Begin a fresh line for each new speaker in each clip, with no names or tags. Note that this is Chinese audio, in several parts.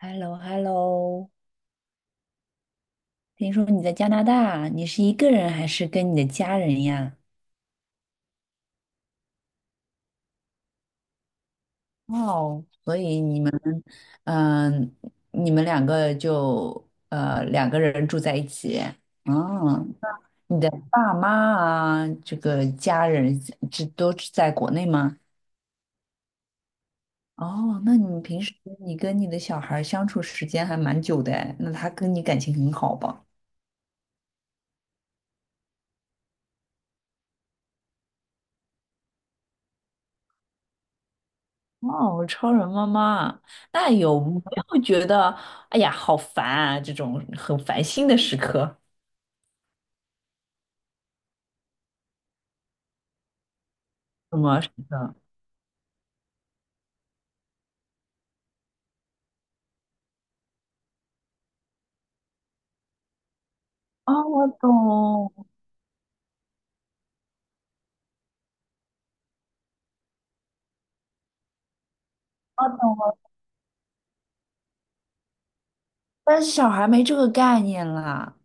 h e l l o h e l l o 听说你在加拿大，你是一个人还是跟你的家人呀？哦，所以你们，嗯、你们两个2个人住在一起，嗯，你的爸妈啊，这个家人这都是在国内吗？哦，那你平时你跟你的小孩儿相处时间还蛮久的哎那他跟你感情很好吧？哦，超人妈妈，那有没有觉得，哎呀，好烦啊，这种很烦心的时刻？什么时刻？啊，我懂，我懂了，但是小孩没这个概念啦，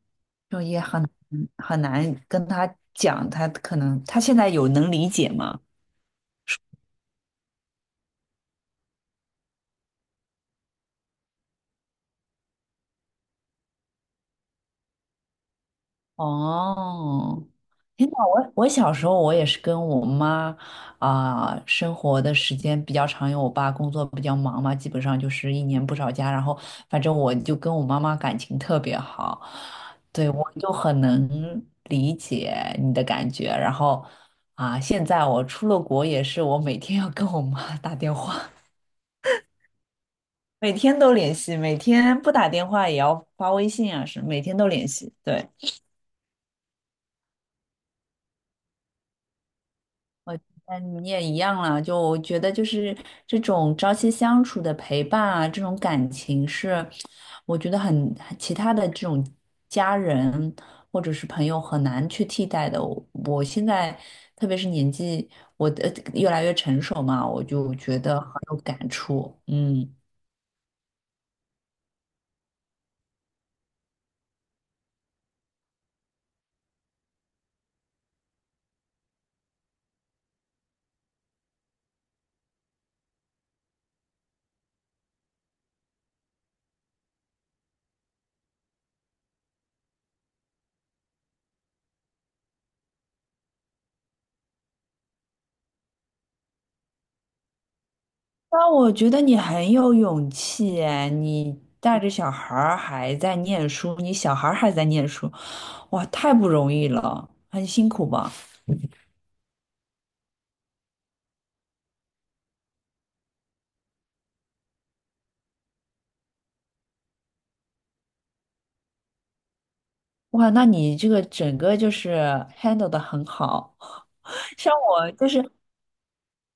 就也很难跟他讲，他可能他现在有能理解吗？哦，天呐，我小时候我也是跟我妈啊、生活的时间比较长，因为我爸工作比较忙嘛，基本上就是一年不着家。然后反正我就跟我妈妈感情特别好，对，我就很能理解你的感觉。然后啊、现在我出了国也是，我每天要跟我妈 打电话，每天都联系，每天不打电话也要发微信啊，是每天都联系，对。嗯，你也一样了，就我觉得就是这种朝夕相处的陪伴啊，这种感情是，我觉得很其他的这种家人或者是朋友很难去替代的。我现在特别是年纪，我的越来越成熟嘛，我就觉得很有感触。嗯，那我觉得你很有勇气哎，你带着小孩儿还在念书，你小孩儿还在念书，哇，太不容易了，很辛苦吧。哇，那你这个整个就是 handle 的很好，像我就是，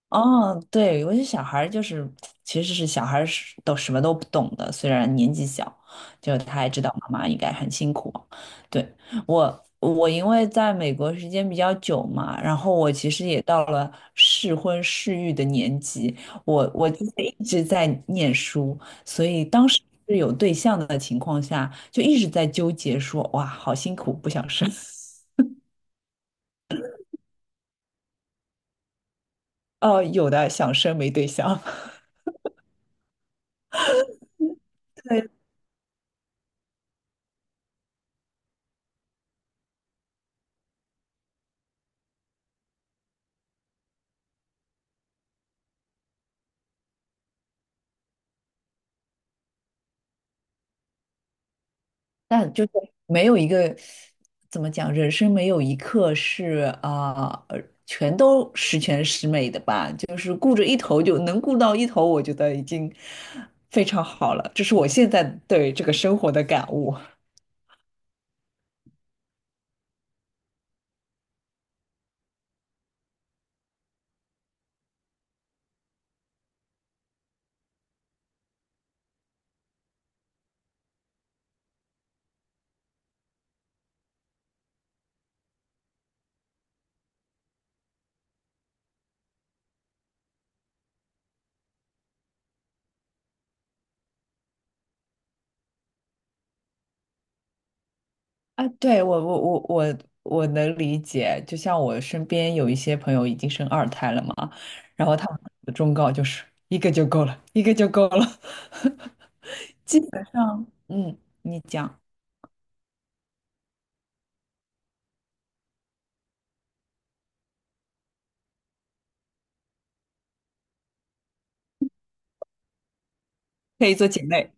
哦，对，有些小孩儿就是，其实是小孩儿是都什么都不懂的，虽然年纪小，就他也知道妈妈应该很辛苦。对，我，我因为在美国时间比较久嘛，然后我其实也到了适婚适育的年纪，我之前一直在念书，所以当时是有对象的情况下，就一直在纠结说，哇，好辛苦，不想生。哦，有的想生没对象，对，但就是没有一个怎么讲，人生没有一刻是啊、全都十全十美的吧。就是顾着一头就能顾到一头，我觉得已经非常好了。这是我现在对这个生活的感悟啊。对，我能理解，就像我身边有一些朋友已经生二胎了嘛，然后他们的忠告就是一个就够了，一个就够了。基本上，嗯，你讲可以做姐妹，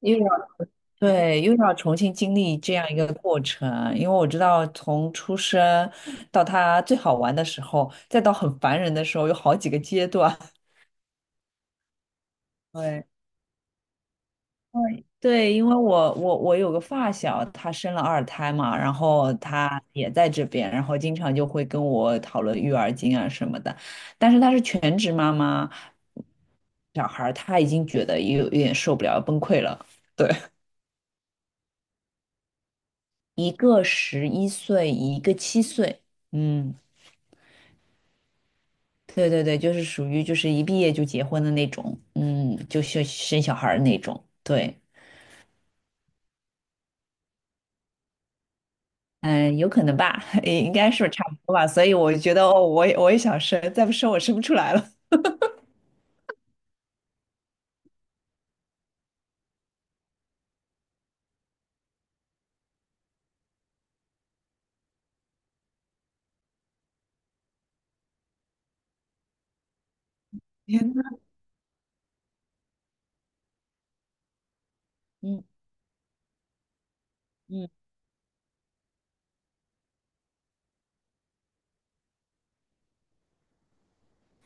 又要对，又要重新经历这样一个过程，因为我知道从出生到他最好玩的时候，再到很烦人的时候，有好几个阶段。对，对，对，因为我有个发小，她生了二胎嘛，然后她也在这边，然后经常就会跟我讨论育儿经啊什么的，但是她是全职妈妈，小孩儿她已经觉得有点受不了，崩溃了。对。一个11岁，一个7岁。嗯，对对对，就是属于就是一毕业就结婚的那种，嗯，就生小孩儿那种。对，嗯，有可能吧，应该是差不多吧。所以我觉得，哦，我也我也想生，再不生我生不出来了。天呐，嗯嗯，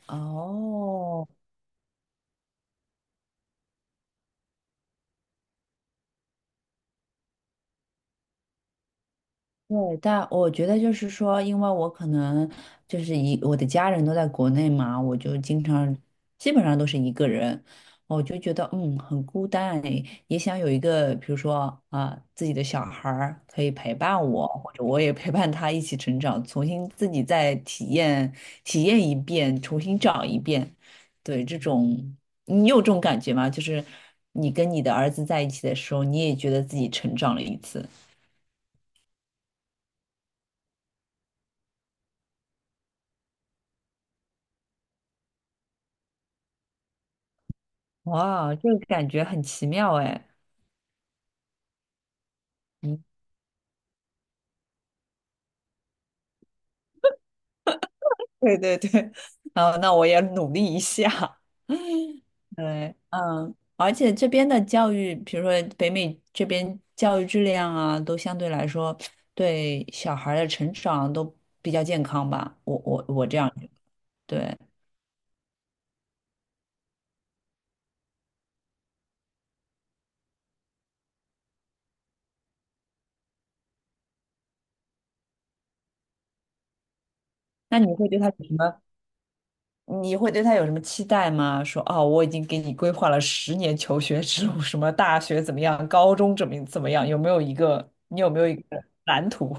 哦。对，但我觉得就是说，因为我可能就是一我的家人都在国内嘛，我就经常基本上都是一个人，我就觉得嗯很孤单诶也想有一个比如说啊自己的小孩儿可以陪伴我，或者我也陪伴他一起成长，重新自己再体验体验一遍，重新找一遍。对，这种你有这种感觉吗？就是你跟你的儿子在一起的时候，你也觉得自己成长了一次。哇，这个感觉很奇妙哎。嗯，对对对，啊，那我也努力一下。对，嗯，而且这边的教育，比如说北美这边教育质量啊，都相对来说对小孩儿的成长都比较健康吧。我这样觉得对，那你会对他有什么？你会对他有什么期待吗？说哦，我已经给你规划了10年求学之路，什么大学怎么样，高中怎么样，有没有一个你有没有一个蓝图？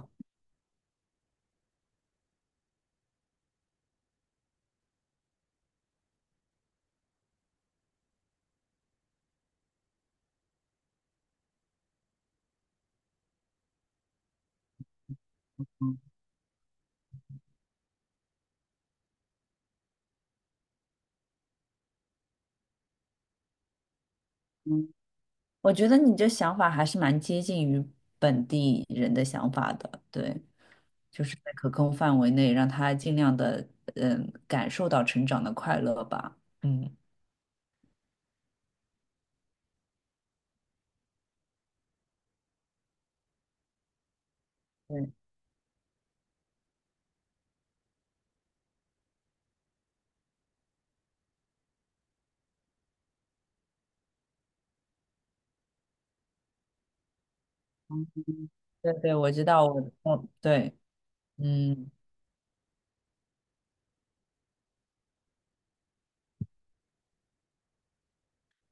嗯，我觉得你这想法还是蛮接近于本地人的想法的，对，就是在可控范围内，让他尽量的嗯感受到成长的快乐吧。嗯，对对对，我知道，我嗯对，嗯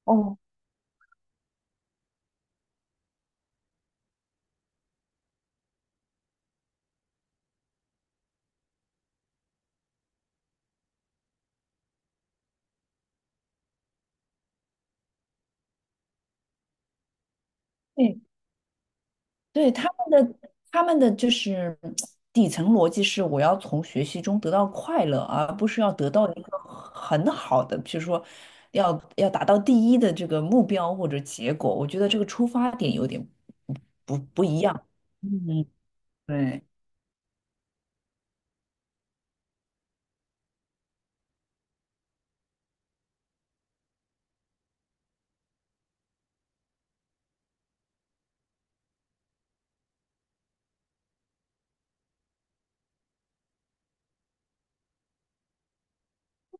哦，对对，他们的他们的就是底层逻辑是，我要从学习中得到快乐，而不是要得到一个很好的，就是说要要达到第一的这个目标或者结果。我觉得这个出发点有点不一样。嗯，对。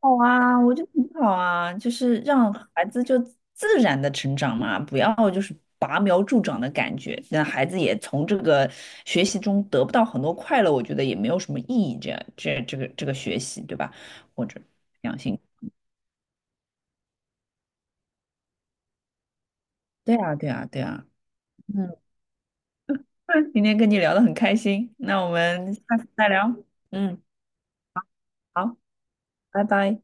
好啊，我觉得很好啊，就是让孩子就自然的成长嘛，不要就是拔苗助长的感觉，让孩子也从这个学习中得不到很多快乐，我觉得也没有什么意义这样。这个学习，对吧？或者良性，对啊，对啊，对啊，嗯，那今天跟你聊得很开心，那我们下次再聊，嗯，好，拜拜。